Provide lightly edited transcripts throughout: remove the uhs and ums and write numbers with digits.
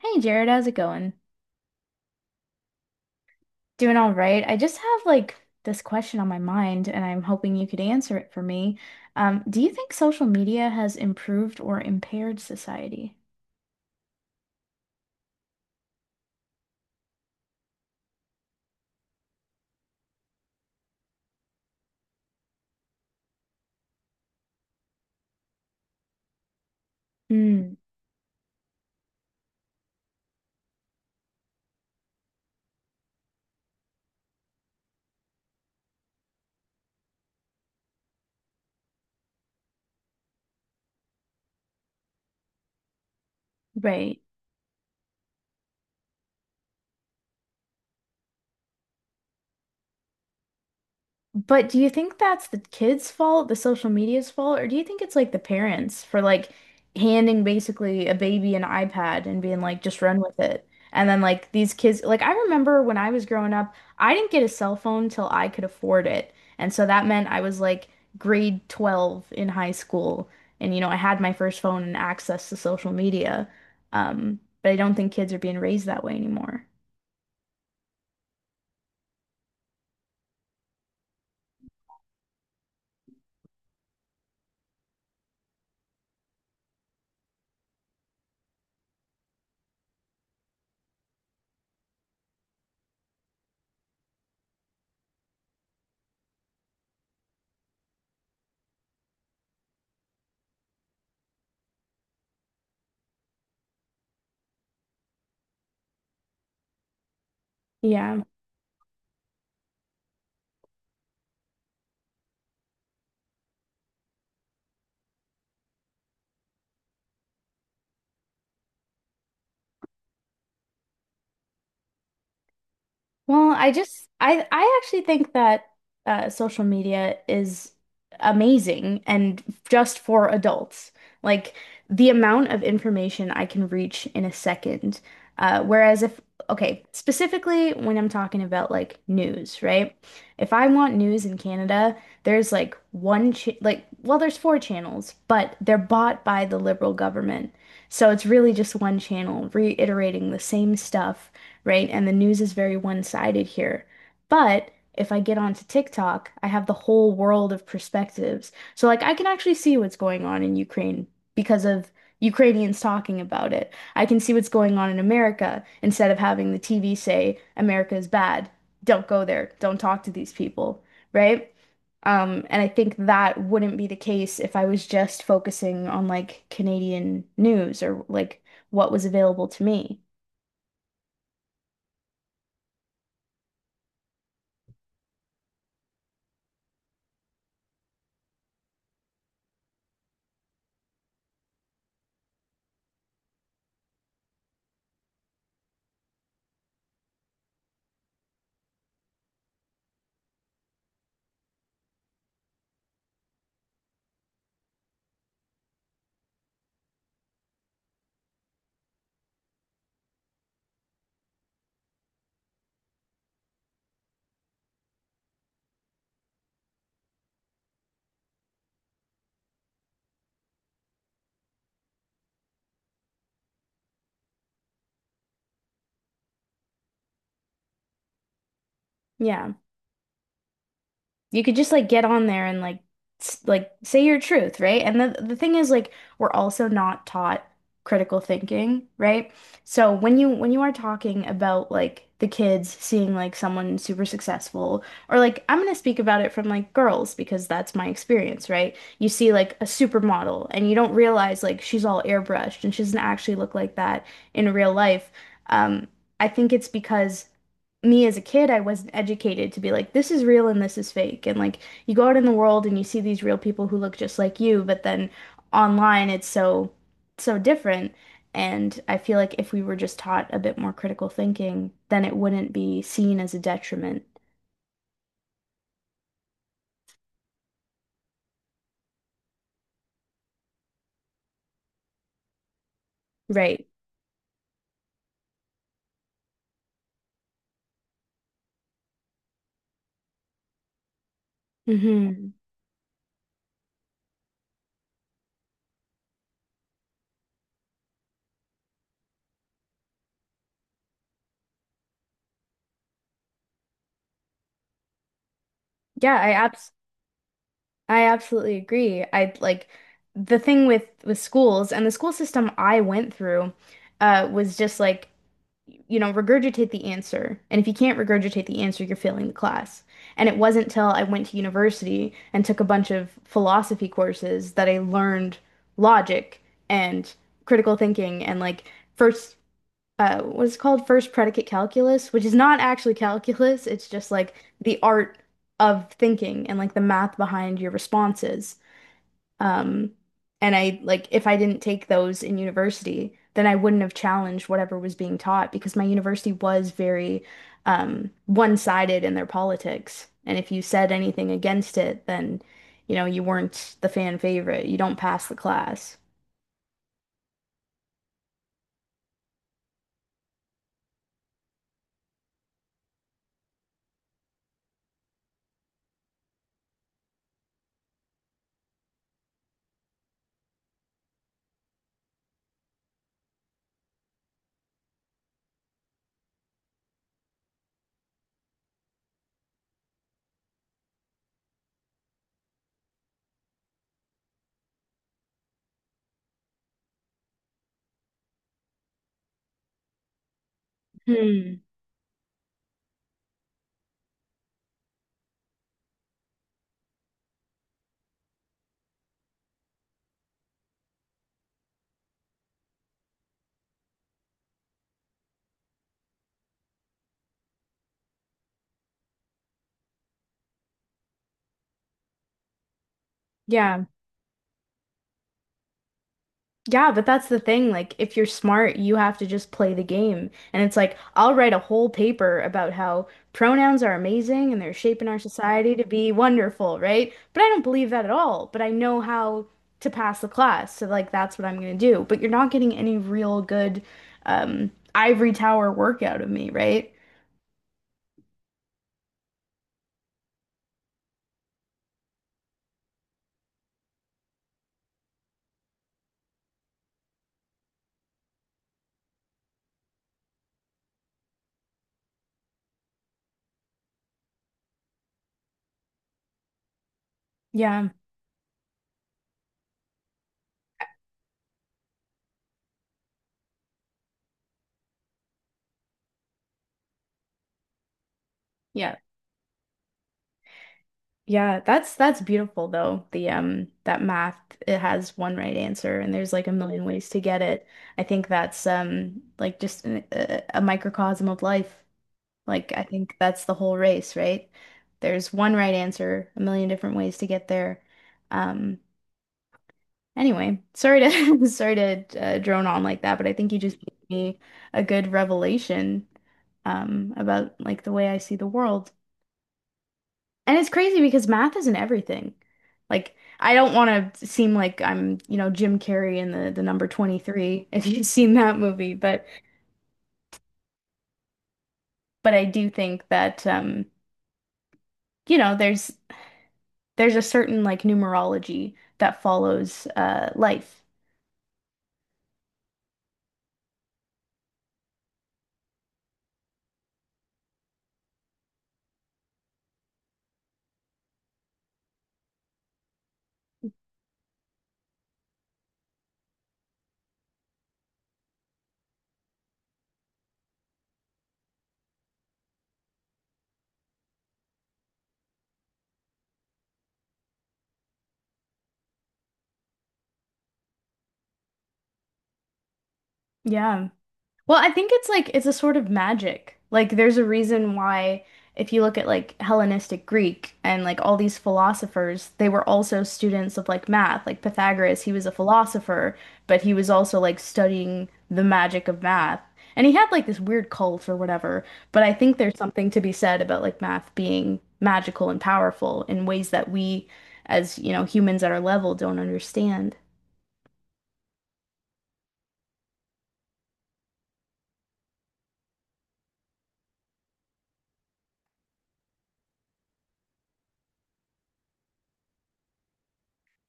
Hey Jared, how's it going? Doing all right. I just have like this question on my mind, and I'm hoping you could answer it for me. Do you think social media has improved or impaired society? Hmm. Right. But do you think that's the kids' fault, the social media's fault, or do you think it's like the parents for like handing basically a baby an iPad and being like, just run with it? And then like these kids, like I remember when I was growing up, I didn't get a cell phone till I could afford it. And so that meant I was like grade 12 in high school. And you know, I had my first phone and access to social media. But I don't think kids are being raised that way anymore. Yeah. Well, I just I actually think that social media is amazing and just for adults. Like the amount of information I can reach in a second. Whereas if okay, specifically when I'm talking about like news, right? If I want news in Canada, there's like one ch like well, there's four channels, but they're bought by the Liberal government. So it's really just one channel reiterating the same stuff, right? And the news is very one-sided here. But if I get onto TikTok, I have the whole world of perspectives. So like I can actually see what's going on in Ukraine because of Ukrainians talking about it. I can see what's going on in America instead of having the TV say America is bad. Don't go there. Don't talk to these people, right? And I think that wouldn't be the case if I was just focusing on like Canadian news or like what was available to me. Yeah. You could just like get on there and like like say your truth, right? And the thing is like we're also not taught critical thinking, right? So when you are talking about like the kids seeing like someone super successful or like I'm gonna speak about it from like girls because that's my experience, right? You see like a supermodel and you don't realize like she's all airbrushed and she doesn't actually look like that in real life. Um, I think it's because me as a kid, I wasn't educated to be like, this is real and this is fake. And like, you go out in the world and you see these real people who look just like you, but then online it's so, so different. And I feel like if we were just taught a bit more critical thinking, then it wouldn't be seen as a detriment. Right. Hmm. Yeah, I abs I absolutely agree. I like the thing with schools and the school system I went through was just like you know, regurgitate the answer. And if you can't regurgitate the answer, you're failing the class. And it wasn't till I went to university and took a bunch of philosophy courses that I learned logic and critical thinking and like first what's called first predicate calculus, which is not actually calculus, it's just like the art of thinking and like the math behind your responses. Um, and I like if I didn't take those in university, then I wouldn't have challenged whatever was being taught because my university was very one-sided in their politics. And if you said anything against it, then you know you weren't the fan favorite. You don't pass the class. Hmm. Yeah. Yeah, but that's the thing. Like, if you're smart, you have to just play the game. And it's like, I'll write a whole paper about how pronouns are amazing and they're shaping our society to be wonderful, right? But I don't believe that at all. But I know how to pass the class. So, like, that's what I'm going to do. But you're not getting any real good ivory tower work out of me, right? Yeah. Yeah. Yeah, that's beautiful though. The that math, it has one right answer and there's like a million ways to get it. I think that's like just a microcosm of life. Like I think that's the whole race, right? There's one right answer, a million different ways to get there. Um anyway, sorry to sorry to drone on like that, but I think you just gave me a good revelation about like the way I see the world. And it's crazy because math isn't everything. Like, I don't want to seem like I'm, you know, Jim Carrey in the number 23 if you've seen that movie, but I do think that you know, there's a certain like numerology that follows life. Yeah. Well, I think it's like it's a sort of magic. Like there's a reason why if you look at like Hellenistic Greek and like all these philosophers, they were also students of like math. Like Pythagoras, he was a philosopher, but he was also like studying the magic of math. And he had like this weird cult or whatever, but I think there's something to be said about like math being magical and powerful in ways that we as, you know, humans at our level don't understand.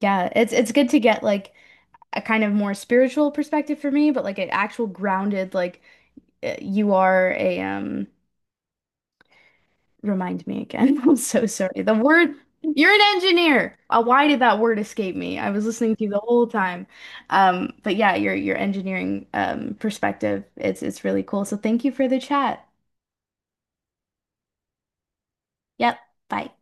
Yeah, it's good to get like a kind of more spiritual perspective for me, but like an actual grounded, like you are a remind me again. I'm so sorry. The word, you're an engineer. Why did that word escape me? I was listening to you the whole time. But yeah, your engineering perspective, it's really cool. So thank you for the chat. Yep. Bye.